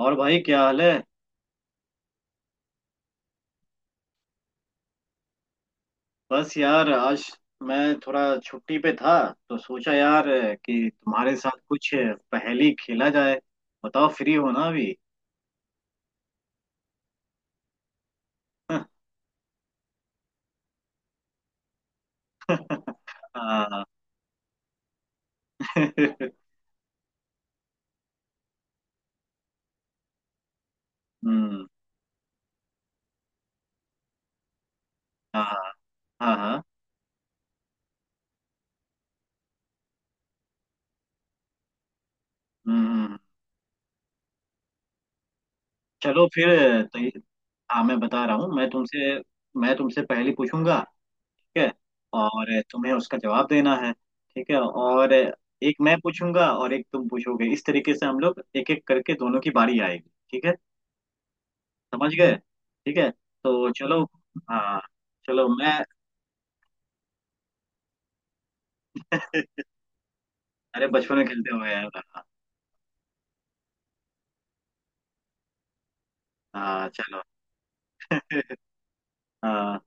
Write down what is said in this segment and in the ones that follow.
और भाई क्या हाल है? बस यार आज मैं थोड़ा छुट्टी पे था तो सोचा यार कि तुम्हारे साथ कुछ पहेली खेला जाए। बताओ फ्री हो ना अभी? हाँ। हम्म। हाँ हाँ हाँ। हम्म। चलो फिर। तो ये- हाँ मैं बता रहा हूँ। मैं तुमसे पहली पूछूंगा, ठीक है? और तुम्हें उसका जवाब देना है, ठीक है। और एक मैं पूछूंगा और एक तुम पूछोगे, इस तरीके से हम लोग एक एक करके दोनों की बारी आएगी, ठीक है? समझ गए? ठीक है। तो चलो। हाँ चलो मैं। अरे बचपन में खेलते हुए हैं। हाँ। हाँ, चलो। हाँ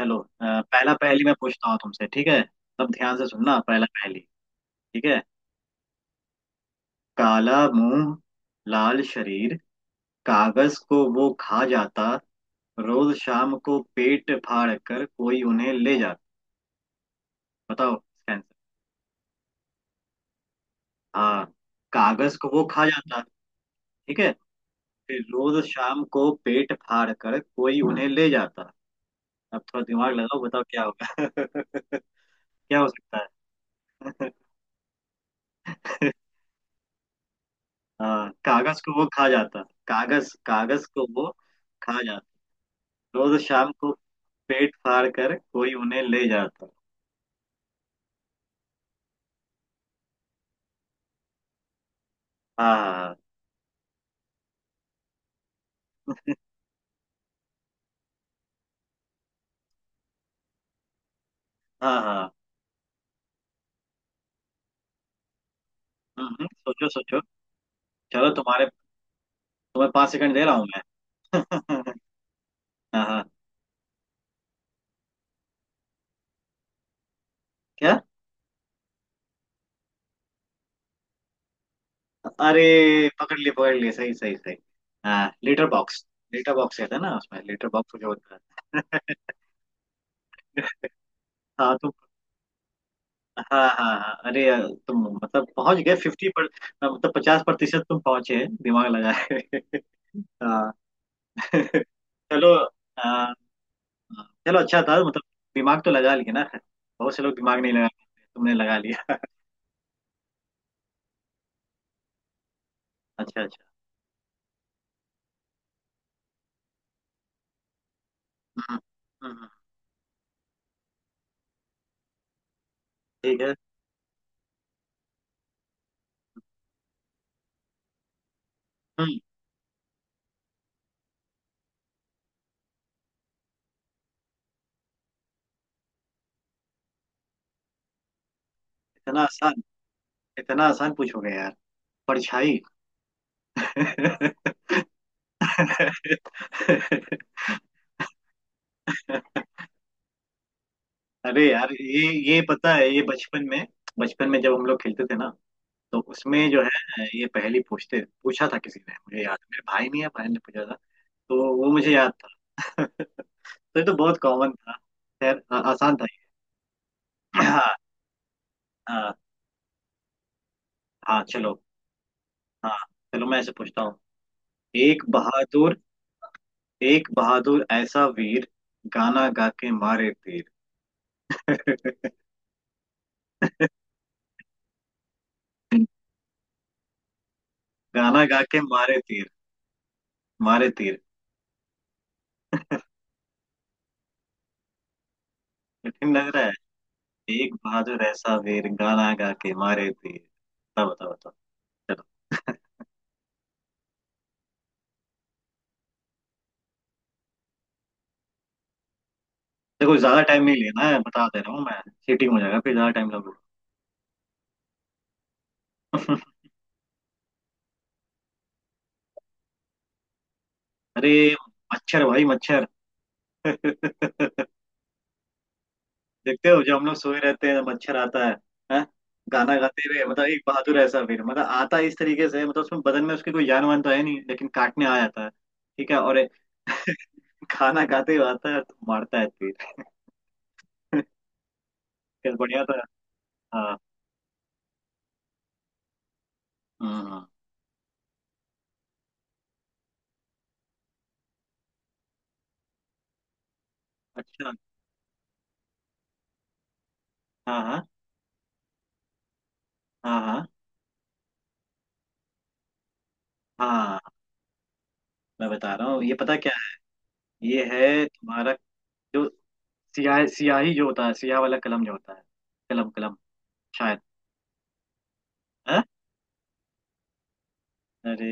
चलो पहला पहेली मैं पूछता हूँ तुमसे, ठीक है? सब ध्यान से सुनना, पहला पहेली। ठीक है। काला मुंह, लाल शरीर, कागज को वो खा जाता, रोज शाम को पेट फाड़ कर कोई उन्हें ले जाता। बताओ इसका आंसर। हाँ, कागज को वो खा जाता। ठीक है। फिर रोज शाम को पेट फाड़ कर कोई उन्हें ले जाता। अब थोड़ा दिमाग लगाओ, बताओ क्या होगा। क्या हो सकता है? हाँ, कागज को वो खा जाता। कागज, कागज को वो खा जाता, रोज शाम को पेट फाड़ कर कोई उन्हें ले जाता। हाँ हाँ हाँ। हाँ हाँ। सोचो सोचो। चलो तुम्हारे, तुम्हें 5 सेकंड दे रहा हूँ मैं। हाँ हाँ। क्या? अरे पकड़ लिए पकड़ लिए, सही सही सही। हाँ, लेटर बॉक्स। लेटर बॉक्स कहते हैं ना उसमें, लेटर बॉक्स जो होता है। हाँ तो हाँ हाँ हाँ। अरे यार, तुम मतलब पहुंच गए 50 पर, हाँ, मतलब 50% तुम पहुंचे, दिमाग लगाए। हाँ। चलो। हाँ, हाँ, चलो, अच्छा था मतलब। दिमाग तो लगा लिए ना, बहुत से लोग दिमाग नहीं लगा पाते, तुमने लगा लिया। अच्छा अच्छा। हम्म, हम्म, ठीक है। हम्म। इतना आसान? इतना आसान पूछोगे यार? परछाई। अरे यार, ये पता है, ये बचपन में, बचपन में जब हम लोग खेलते थे ना, तो उसमें जो है ये पहेली पूछते, पूछा था किसी ने, मुझे याद, मेरे भाई ने या बहन ने पूछा था, तो वो मुझे याद था। तो ये तो बहुत कॉमन था। खैर आसान था ये। हाँ। हाँ। हाँ, चलो। हाँ चलो मैं ऐसे पूछता हूँ। एक बहादुर एक बहादुर ऐसा वीर, गाना गा के मारे तीर। गाना गा के मारे तीर, मारे तीर। कठिन लग रहा है। एक बहादुर ऐसा वीर, गाना गा के मारे तीर। बताओ बताओ बताओ। चलो। देखो ज्यादा टाइम नहीं लेना है, बता दे रहा हूँ मैं, सीटिंग हो जाएगा फिर, ज्यादा टाइम लगेगा। अरे मच्छर भाई, मच्छर। देखते हो जब हम लोग सोए रहते हैं मच्छर आता है। हैं? गाना गाते हुए, मतलब एक बहादुर ऐसा, फिर मतलब आता है इस तरीके से, मतलब उसमें बदन में उसकी कोई जान वान तो है नहीं, लेकिन काटने आ जाता है, ठीक है, और खाना खाते हुए आता है तो मारता है फिर। क्या बढ़िया था। हाँ हाँ हाँ। अच्छा हाँ हाँ हाँ हाँ। हाँ मैं बता रहा हूँ, ये पता क्या है? ये है तुम्हारा जो सियाह, सियाही जो होता है, सियाह वाला कलम जो होता है, कलम कलम शायद है। अरे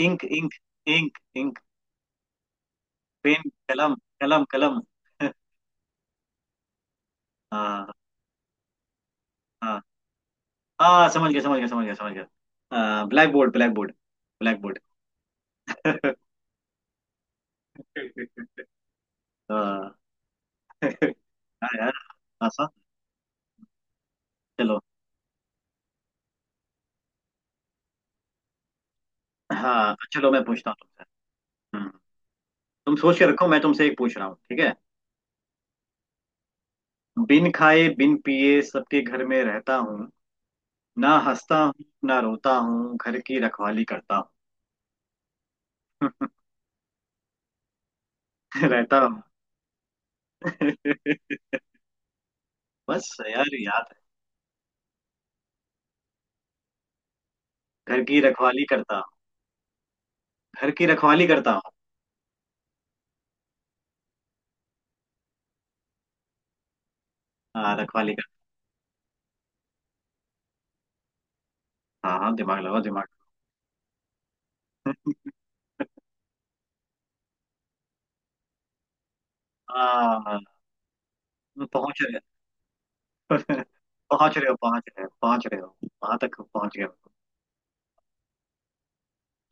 ink ink, ink ink, pen, कलम कलम कलम। हाँ हाँ हाँ, समझ गया समझ गया समझ गया समझ गया, blackboard blackboard. Black board. हाँ हाँ यार, आसान। चलो। हाँ चलो मैं पूछता हूँ तुमसे। हम्म, तुम सोच के रखो, मैं तुमसे एक पूछ रहा हूँ, ठीक है। बिन खाए बिन पिए सबके घर में रहता हूँ, ना हंसता हूँ ना रोता हूँ, घर की रखवाली करता हूँ। रहता हूँ। बस यार, याद है। घर की रखवाली करता हूँ। घर की रखवाली करता हूँ। हाँ, रखवाली करता। हाँ हाँ, दिमाग लगाओ दिमाग। हाँ, पहुंच रहे हो। पहुंच रहे हो, पहुंच रहे हो, पहुंच रहे हो, वहां तक पहुंच गए हो।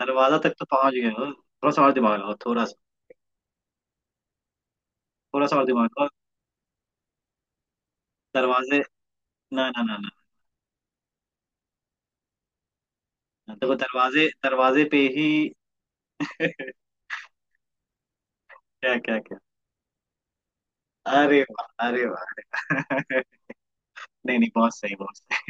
दरवाजा तक तो पहुंच गए हो। थोड़ा सा और दिमाग लगाओ, थोड़ा सा। थोड़ा सा और दिमाग लगाओ। दरवाजे। ना ना ना ना, ना, देखो दरवाजे दरवाजे पे ही। क्या क्या क्या? अरे वाह, अरे वाह। नहीं नहीं, बहुत सही, बहुत सही,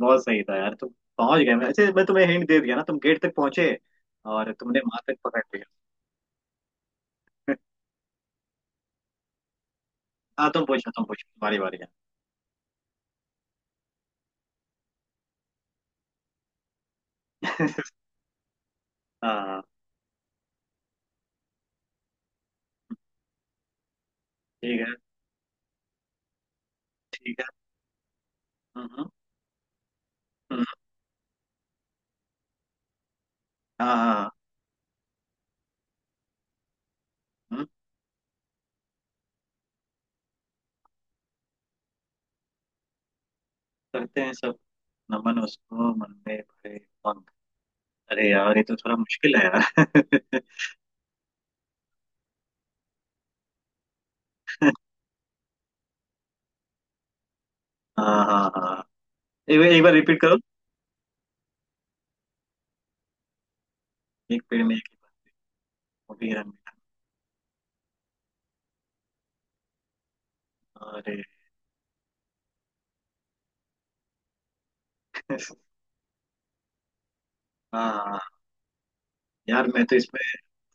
बहुत सही था यार, तुम पहुंच गए, मैं अच्छा, मैं तुम्हें हिंट दे दिया ना, तुम गेट तक पहुंचे और तुमने वहां तक पकड़ लिया। हाँ, तुम पूछो तुम पूछो, तुम्हारी बारी है। हाँ। ठीक है, ठीक है। हम्म हम्म, हम्म, हाँ हाँ हाँ, हम्म, करते हैं सब नमन उसको, मन में भरे पंख। अरे यार ये तो थोड़ा मुश्किल है यार। हाँ हाँ हाँ। एक बार रिपीट करो। एक पेड़ में एक ही बार, वो भी रंग में। अरे। हाँ हाँ। यार मैं तो इसमें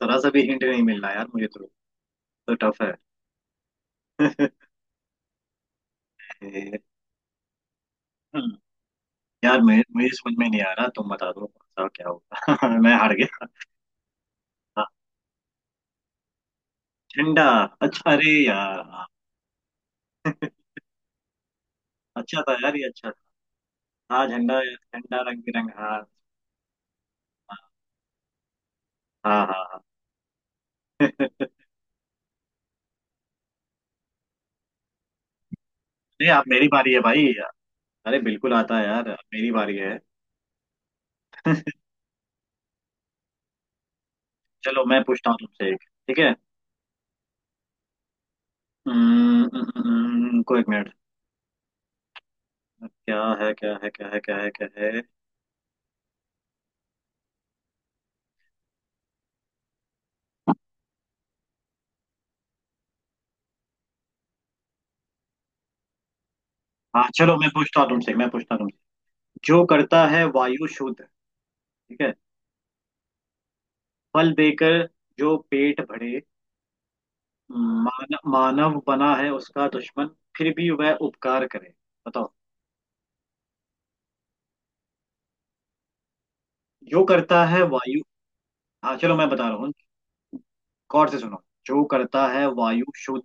थोड़ा सा भी हिंट नहीं मिल रहा यार मुझे तो टफ है। ए, यार मुझे समझ में नहीं आ रहा, तुम बता दो कौन सा क्या होगा। मैं हार गया। हाँ, झंडा। अच्छा, अरे यार हाँ। अच्छा था यार, ये अच्छा था। हाँ, झंडा, झंडा रंग बिरंग, हाँ। हाँ हाँ हाँ। नहीं, आप मेरी बारी है भाई। अरे बिल्कुल आता है यार, अब मेरी बारी है। चलो मैं पूछता हूँ तुमसे एक, ठीक है। हम्म, हम्म, हम्म, को एक मिनट, क्या है क्या है क्या है क्या है क्या है। हाँ चलो मैं पूछता हूँ तुमसे जो करता है वायु शुद्ध, ठीक है। फल देकर जो पेट भरे, हाँ। मानव बना है उसका दुश्मन, फिर भी वह उपकार करे। बताओ। जो करता है वायु, हाँ चलो मैं बता रहा हूँ, गौर से सुनो। जो करता है वायु शुद्ध,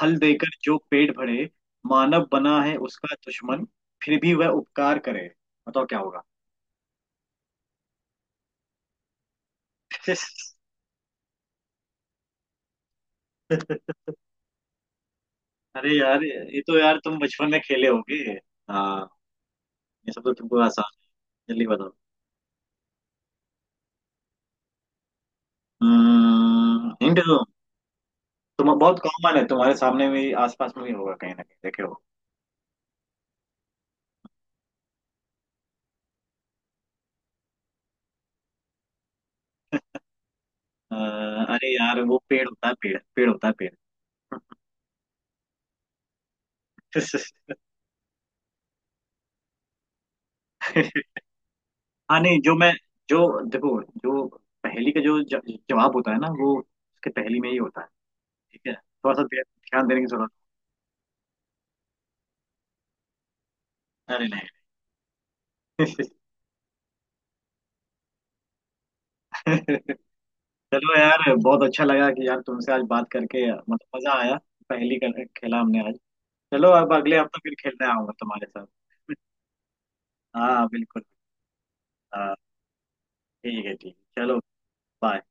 फल देकर जो पेट भरे, मानव बना है उसका दुश्मन, फिर भी वह उपकार करे। बताओ क्या होगा। अरे यार ये तो, यार तुम बचपन में खेले होगे। हाँ, ये सब तो तुमको आसान। जल्दी बताओ। हिंट दो, तुम, बहुत कॉमन है, तुम्हारे सामने भी आसपास में भी होगा कहीं ना कहीं देखे। अ, अरे यार वो पेड़ होता है, पेड़, पेड़ होता है पेड़। हाँ नहीं जो मैं, जो, देखो जो पहेली का जो जवाब होता है ना वो उसके पहेली में ही होता है, ठीक है, थोड़ा सा ध्यान देने की जरूरत। अरे नहीं। चलो यार, बहुत अच्छा लगा कि यार तुमसे आज बात करके मतलब मजा आया, पहेली का खेला हमने आज। चलो अब अगले हफ्ते फिर खेलने आऊंगा तुम्हारे साथ। हाँ बिल्कुल। हाँ ठीक है, ठीक है, चलो, बाय।